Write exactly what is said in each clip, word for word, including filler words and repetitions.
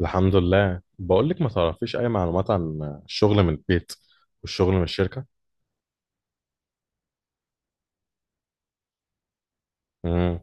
الحمد لله، بقول لك ما تعرفيش اي معلومات عن الشغل من البيت والشغل من الشركه. مم.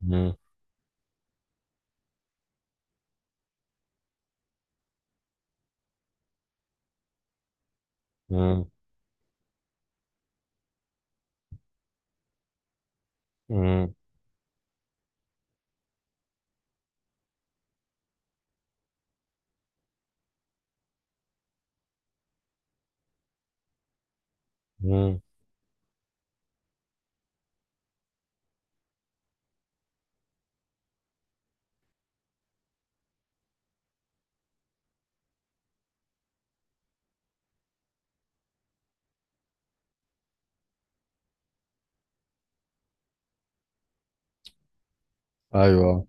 مم. مم. مم. مم. ايوه.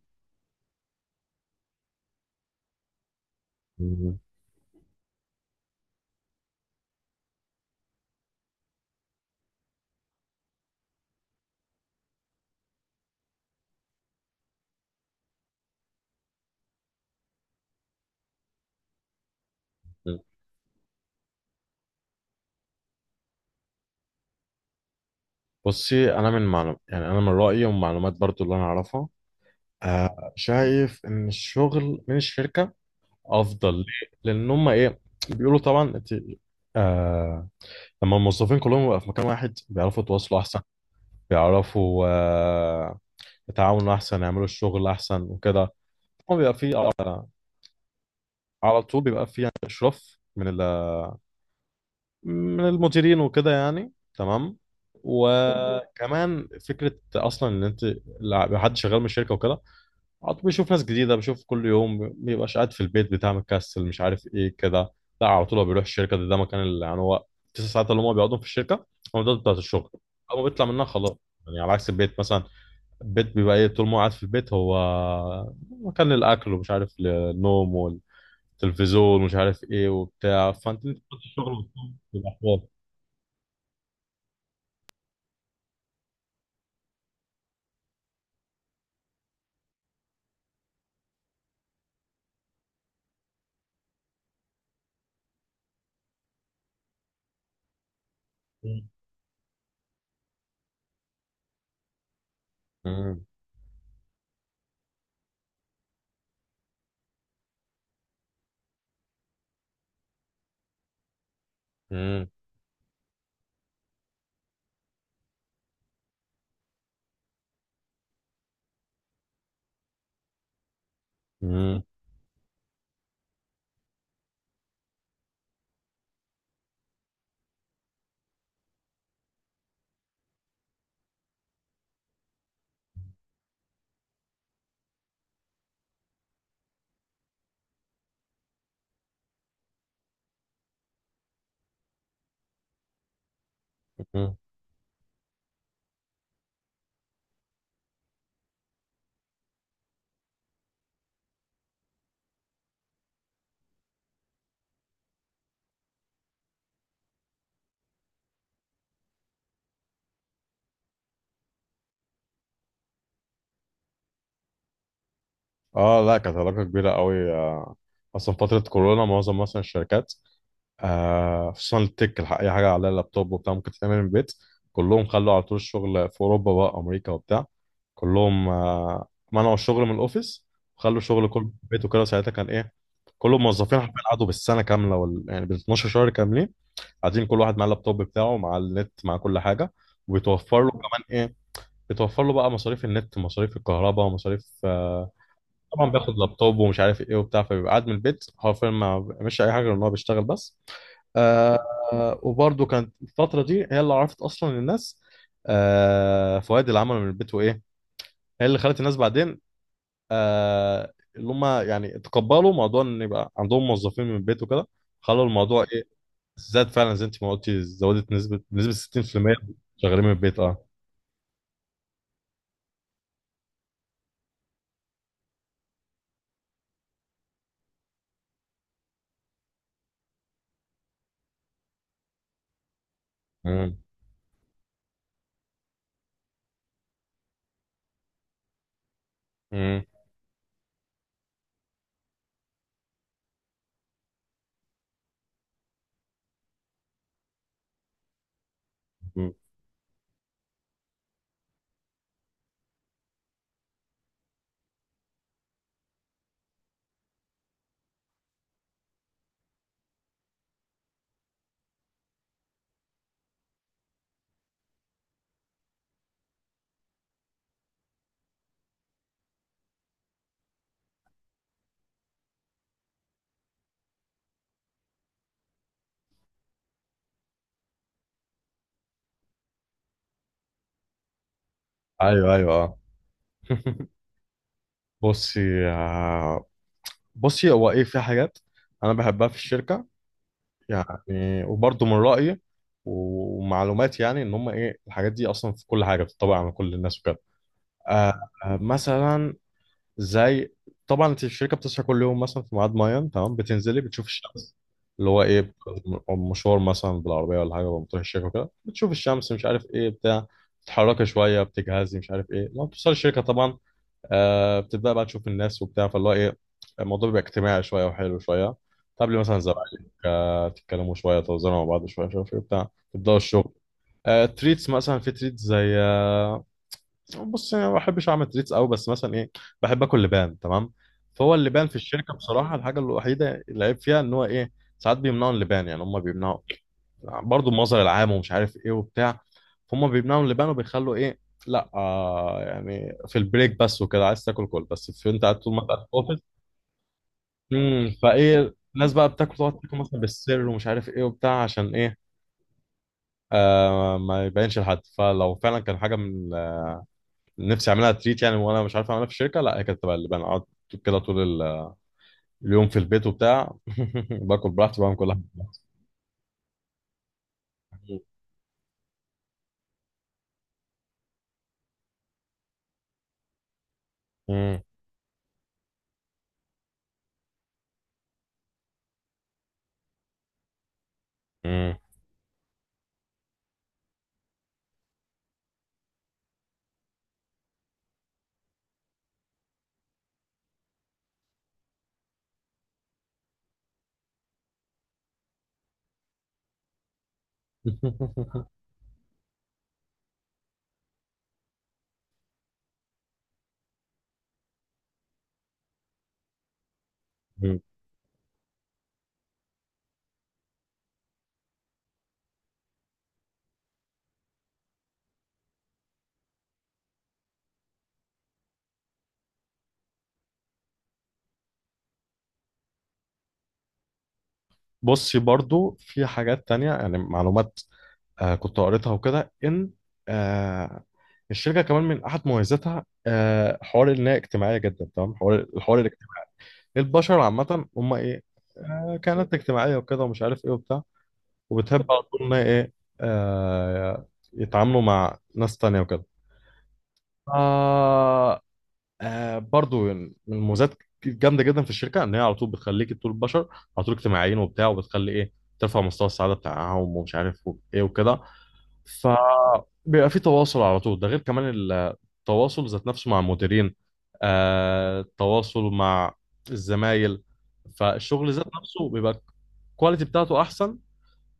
مم. بصي انا من معلوم، يعني انا من رايي ومعلومات برضو اللي انا اعرفها، آه شايف ان الشغل من الشركه افضل. ليه؟ لان هم ايه بيقولوا؟ طبعا انت آه لما الموظفين كلهم يبقوا في مكان واحد بيعرفوا يتواصلوا احسن، بيعرفوا آه يتعاونوا احسن، يعملوا الشغل احسن وكده. طبعاً بيبقى فيه أه على طول بيبقى في، يعني اشراف من ال- من المديرين وكده يعني. تمام، وكمان فكره اصلا ان انت لو حد شغال من الشركه وكده، على طول بيشوف ناس جديده، بيشوف كل يوم، ما بيبقاش قاعد في البيت بتاع مكسل مش عارف ايه كده. لا، على طول هو بيروح الشركه. ده, ده مكان اللي يعني هو تسع ساعات اللي هم بيقعدوا في الشركه، هم ده بتاعت الشغل. اول ما بيطلع منها خلاص، يعني على عكس البيت مثلا. البيت بيبقى ايه؟ طول ما هو قاعد في البيت، هو مكان للاكل ومش عارف للنوم، تلفزيون مش عارف ايه وبتاع، فانت انت بتخش الشغل وتقوم يبقى حوار. مم. مم. مم. مم. مم. اه لا، كانت علاقة كبيرة قوي آه. اصلا فترة كورونا معظم مثلا الشركات آه خصوصا التك الح- اي حاجة على اللابتوب وبتاع ممكن تتعمل من البيت، كلهم خلوا على طول الشغل في اوروبا بقى، امريكا وبتاع، كلهم آه منعوا الشغل من الاوفيس وخلوا الشغل كله في البيت وكده. ساعتها كان ايه؟ كل الموظفين حرفيا قعدوا بالسنة كاملة وال... يعني بال اثني عشر شهر كاملين، قاعدين كل واحد مع اللابتوب بتاعه، مع النت، مع كل حاجه، وبيتوفر له كمان ايه؟ بيتوفر له بقى مصاريف النت، مصاريف الكهرباء، ومصاريف آه، طبعا بياخد لابتوب ومش عارف ايه وبتاع، فبيبقى قاعد من البيت حرفيا ما مش اي حاجه غير ان هو بيشتغل بس. آه وبرده كانت الفتره دي هي اللي عرفت اصلا الناس آه فوائد العمل من البيت، وايه هي اللي خلت الناس بعدين آه اللي هم يعني تقبلوا موضوع ان يبقى عندهم موظفين من البيت وكده، خلوا الموضوع ايه زاد فعلا زي انت ما قلتي، زودت نسبة بنسبة ستين في المية شغالين من البيت اه. مم. مم. مم. ايوه ايوه اه. بصي آه، بصي هو ايه في حاجات انا بحبها في الشركة، يعني وبرضه من رأيي ومعلوماتي، يعني ان هم ايه؟ الحاجات دي اصلا في كل حاجة بتطبق على كل الناس وكده. آه آه، مثلا زي، طبعا انت الشركه بتصحى كل يوم مثلا في ميعاد معين تمام، بتنزلي بتشوف الشمس، اللي هو ايه م- مشوار مثلا بالعربيه ولا حاجه، بتروح الشركه وكده، بتشوف الشمس مش عارف ايه بتاع، بتتحركي شويه، بتجهزي مش عارف ايه، لما بتوصلي الشركه طبعا آه بتبدا بقى تشوف الناس وبتاع، فاللي هو ايه الموضوع بيبقى اجتماعي شويه وحلو شويه، تقابلي مثلا زمايلك آه، تتكلموا شويه، تهزروا مع بعض شويه مش عارف ايه بتاع، تبداوا الشغل. آه تريتس مثلا، في تريتس زي آه، بص انا ما بحبش اعمل تريتس قوي، بس مثلا ايه بحب اكل لبان تمام. فهو اللبان في الشركه بصراحه الحاجه الوحيده اللي عيب فيها ان هو ايه ساعات بيمنعوا اللبان، يعني هم بيمنعوا برضو المظهر العام ومش عارف ايه وبتاع، فهم بيمنعوا اللبان وبيخلوا ايه، لا آه يعني في البريك بس وكده، عايز تاكل كل بس في انت قاعد طول ما انت قاعد في الاوفيس. امم، فايه الناس بقى بتاكل، تقعد تاكل مثلا بالسر ومش عارف ايه وبتاع عشان ايه آه ما يبينش لحد. فلو فعلا كان حاجه من نفسي اعملها تريت يعني وانا مش عارف اعملها في الشركه، لا هي كانت تبقى اللبان. اقعد كده طول ال- اليوم في البيت وبتاع باكل براحتي، بعمل كل حاجه براحتي. مم. مم. مم. بصي برضو في حاجات تانية، يعني معلومات آه كنت قريتها وكده، ان آه الشركه كمان من احد مميزاتها آه حوار ان هي اجتماعيه جدا تمام. حوار الحوار الاجتماعي، البشر عامه هم ايه آه كانت اجتماعيه وكده ومش عارف ايه وبتاع، وبتحب على طول إن هي ايه آه يتعاملوا مع ناس تانية وكده. آه آه برضو من المميزات الجامدة جدا في الشركة ان هي على طول بتخليك طول، البشر على طول اجتماعيين وبتاع، وبتخلي ايه ترفع مستوى السعادة بتاعهم ومش عارف و- ايه وكده، فبيبقى في تواصل على طول، ده غير كمان التواصل ذات نفسه مع المديرين، آه التواصل مع الزمايل، فالشغل ذات نفسه بيبقى الكواليتي بتاعته احسن.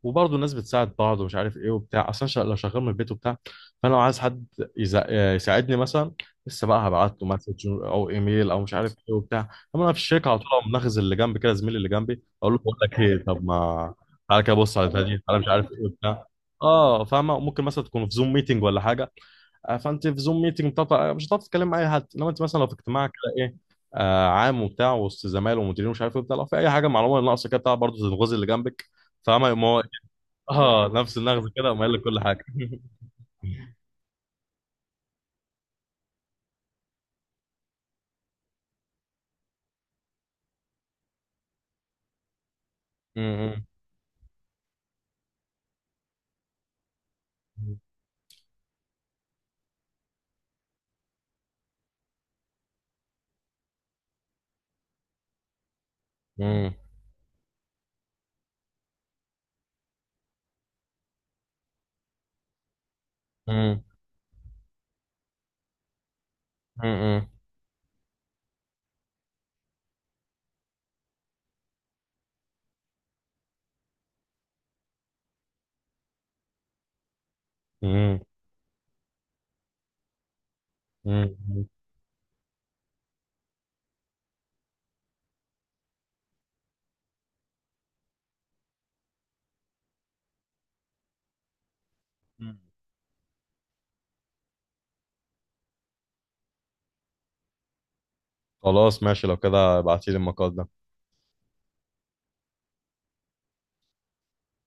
وبرضه الناس بتساعد بعض ومش عارف ايه وبتاع، اصلا شغ- لو شغال من البيت وبتاع، فانا لو عايز حد يزا- يساعدني مثلا، لسه بقى هبعت له مسج او ايميل او مش عارف ايه وبتاع. اما انا في الشركه على طول اقوم ناخذ اللي جنبي كده، زميلي اللي جنبي اقول له بقول لك ايه، طب ما تعالى كده بص على البتاع دي، تعالى مش عارف ايه وبتاع. اه فاهمه، ممكن مثلا تكون في زوم ميتنج ولا حاجه، آه، فانت في زوم ميتنج بتاع- مش هتعرف تتكلم مع اي حد. انما انت مثلا لو في اجتماع كده ايه آه عام وبتاع، وسط زمايل ومديرين ومش عارف ايه وبتاع، لو في اي حاجه معلومه ناقصه كده بتاع، برضه تنغز اللي جنبك، فاهمه. اه نفس النغز كده وما لك كل حاجه. مم. مم. مم. مم. مم. مم. خلاص ماشي، لو كده ابعتيلي المقال ده.